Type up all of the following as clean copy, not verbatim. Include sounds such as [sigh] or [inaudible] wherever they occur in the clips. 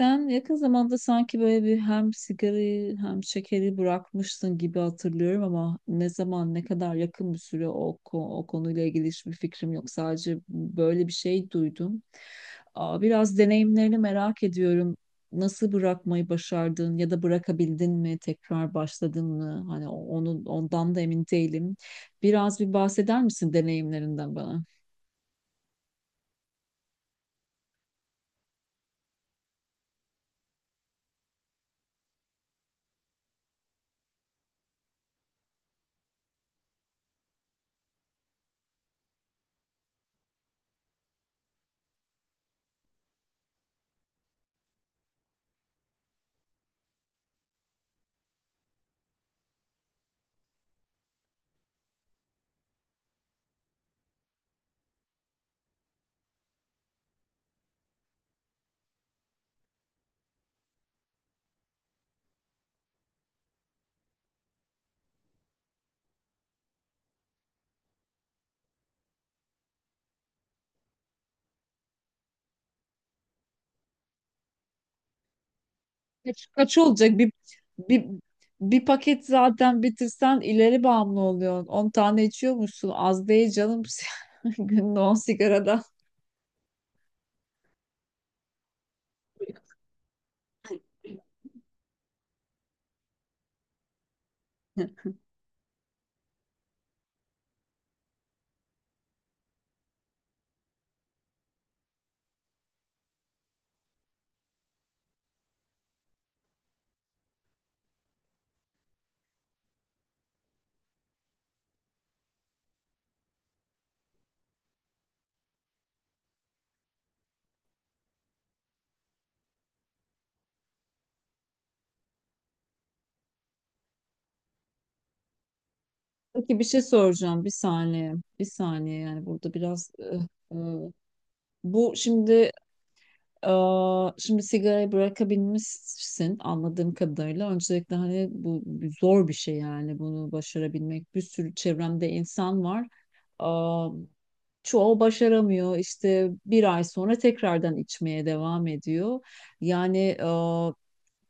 Sen yakın zamanda sanki böyle bir hem sigarayı hem şekeri bırakmışsın gibi hatırlıyorum ama ne zaman, ne kadar yakın bir süre o konuyla ilgili hiçbir fikrim yok. Sadece böyle bir şey duydum. Biraz deneyimlerini merak ediyorum. Nasıl bırakmayı başardın ya da bırakabildin mi? Tekrar başladın mı? Hani o- onun ondan da emin değilim. Biraz bir bahseder misin deneyimlerinden bana? Kaç olacak? Bir, bir paket zaten bitirsen ileri bağımlı oluyorsun. On tane içiyormuşsun. Az değil canım. [laughs] Günde 10 sigaradan. Peki bir şey soracağım. Bir saniye. Bir saniye yani burada biraz... e, bu şimdi. Şimdi sigarayı bırakabilmişsin anladığım kadarıyla. Öncelikle hani bu zor bir şey, yani bunu başarabilmek. Bir sürü çevremde insan var. Eee, Çoğu başaramıyor. İşte bir ay sonra tekrardan içmeye devam ediyor. Yani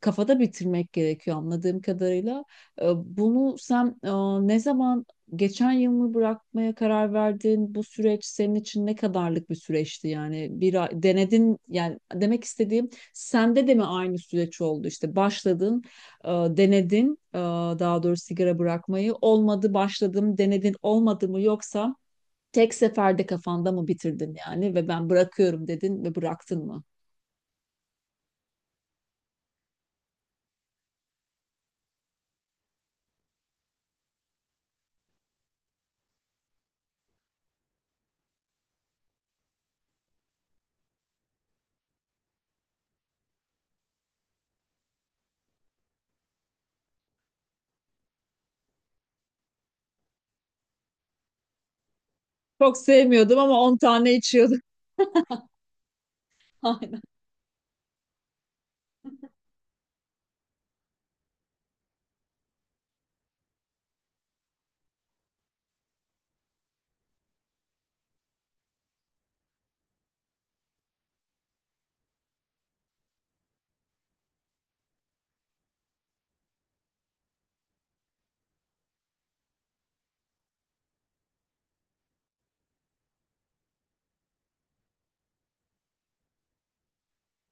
kafada bitirmek gerekiyor anladığım kadarıyla. Bunu sen ne zaman, geçen yıl mı bırakmaya karar verdin? Bu süreç senin için ne kadarlık bir süreçti yani? Bir ay- denedin, yani demek istediğim sende de mi aynı süreç oldu? İşte başladın, denedin, daha doğrusu sigara bırakmayı olmadı, başladım, denedin, olmadı mı, yoksa tek seferde kafanda mı bitirdin yani ve ben bırakıyorum dedin ve bıraktın mı? Çok sevmiyordum ama 10 tane içiyordum. [laughs] Aynen.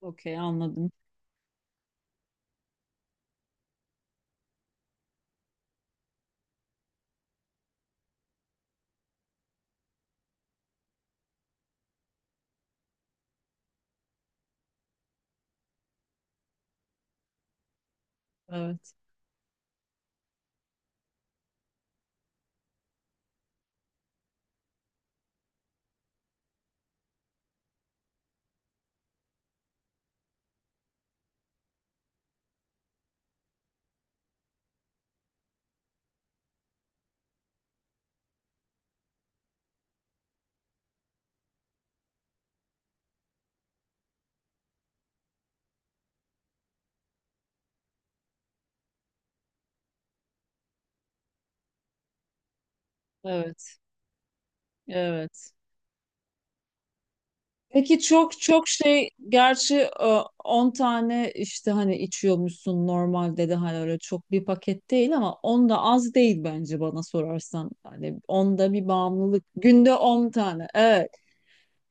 Okey, anladım. Evet. Evet. Evet. Peki çok çok şey gerçi 10 tane işte hani içiyormuşsun normalde de, hani öyle çok bir paket değil ama 10 da az değil bence bana sorarsan. Hani 10 da bir bağımlılık. Günde 10 tane. Evet.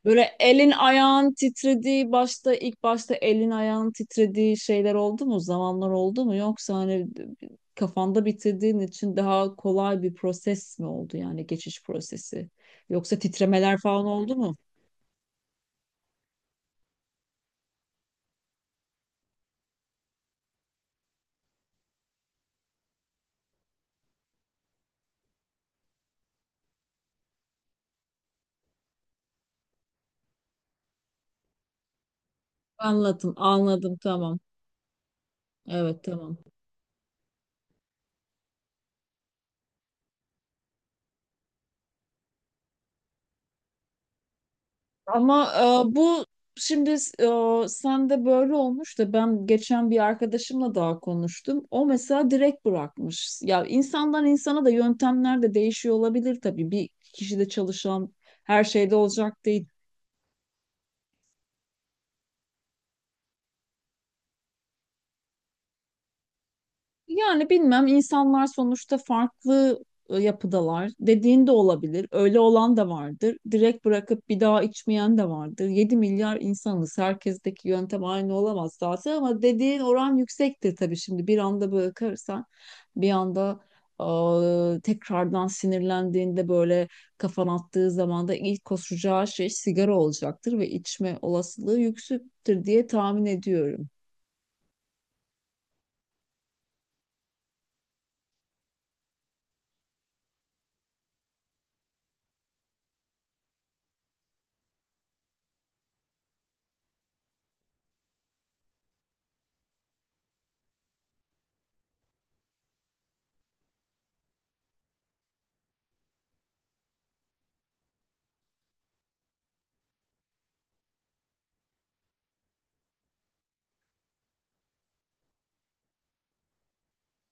Böyle elin ayağın titrediği başta, ilk başta elin ayağın titrediği şeyler oldu mu? Zamanlar oldu mu? Yoksa hani kafanda bitirdiğin için daha kolay bir proses mi oldu, yani geçiş prosesi? Yoksa titremeler falan oldu mu? Anladım, anladım, tamam. Evet, tamam. Ama bu şimdi, sende böyle olmuş da ben geçen bir arkadaşımla daha konuştum. O mesela direkt bırakmış. Ya insandan insana da yöntemler de değişiyor olabilir tabii. Bir kişide çalışan her şeyde olacak değil. Yani bilmem, insanlar sonuçta farklı yapıdalar. Dediğin de olabilir. Öyle olan da vardır. Direkt bırakıp bir daha içmeyen de vardır. Yedi milyar insanız. Herkesteki yöntem aynı olamaz zaten ama dediğin oran yüksektir tabii şimdi. Bir anda bırakırsan, bir anda tekrardan sinirlendiğinde, böyle kafan attığı zaman da ilk koşacağı şey sigara olacaktır ve içme olasılığı yüksektir diye tahmin ediyorum.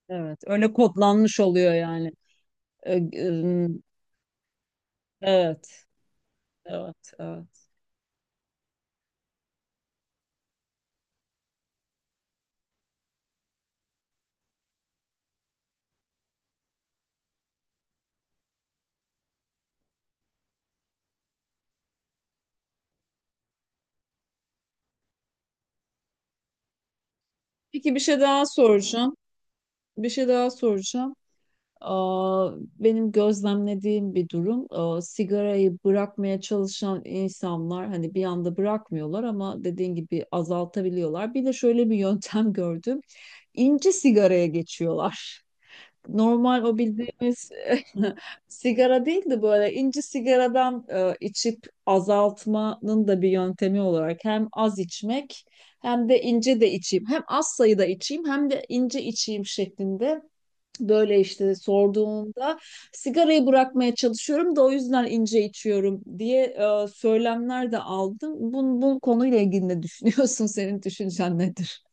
Evet, öyle kodlanmış oluyor yani. E, e, Evet, evet, evet. Peki bir şey daha soracağım. Bir şey daha soracağım. Aa, Benim gözlemlediğim bir durum, sigarayı bırakmaya çalışan insanlar hani bir anda bırakmıyorlar ama dediğin gibi azaltabiliyorlar. Bir de şöyle bir yöntem [laughs] gördüm, İnce sigaraya geçiyorlar. Normal o bildiğimiz [laughs] sigara değil de böyle inci sigaradan içip azaltmanın da bir yöntemi olarak, hem az içmek hem de ince de içeyim. Hem az sayıda içeyim hem de ince içeyim şeklinde, böyle işte sorduğunda sigarayı bırakmaya çalışıyorum da o yüzden ince içiyorum diye söylemler de aldım. Bu konuyla ilgili ne düşünüyorsun? [laughs] Senin düşüncen nedir?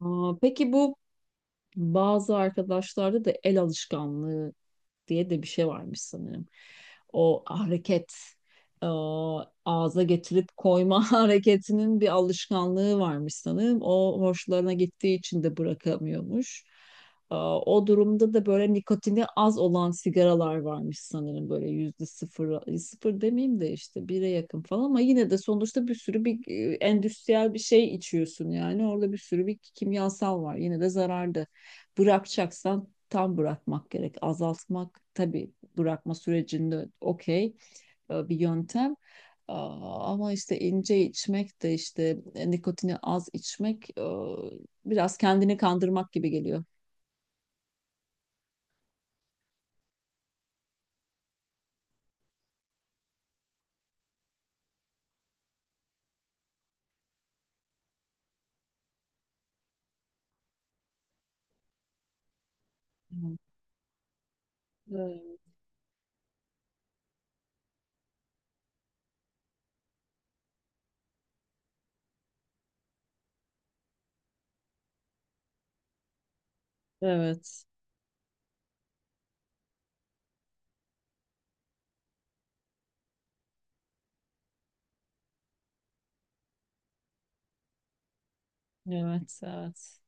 Peki bu bazı arkadaşlarda da el alışkanlığı diye de bir şey varmış sanırım. O hareket, e, ağza getirip koyma [laughs] hareketinin bir alışkanlığı varmış sanırım. O hoşlarına gittiği için de bırakamıyormuş. O durumda da böyle nikotini az olan sigaralar varmış sanırım, böyle yüzde sıfır, sıfır demeyeyim de işte bire yakın falan ama yine de sonuçta bir sürü bir endüstriyel bir şey içiyorsun, yani orada bir sürü bir kimyasal var, yine de zararlı. Bırakacaksan tam bırakmak gerek. Azaltmak tabii bırakma sürecinde okey bir yöntem. Ama işte ince içmek de, işte nikotini az içmek biraz kendini kandırmak gibi geliyor. Evet, evet, evet.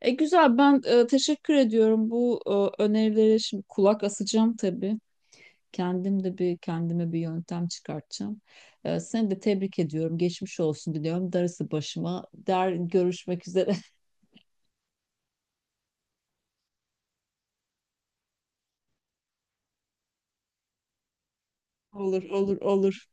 E güzel, ben teşekkür ediyorum bu önerileri, şimdi kulak asacağım tabii. Kendim de bir, kendime bir yöntem çıkartacağım. Seni de tebrik ediyorum. Geçmiş olsun diliyorum. Darısı başıma. Der görüşmek üzere. [laughs] Olur, olur, olur.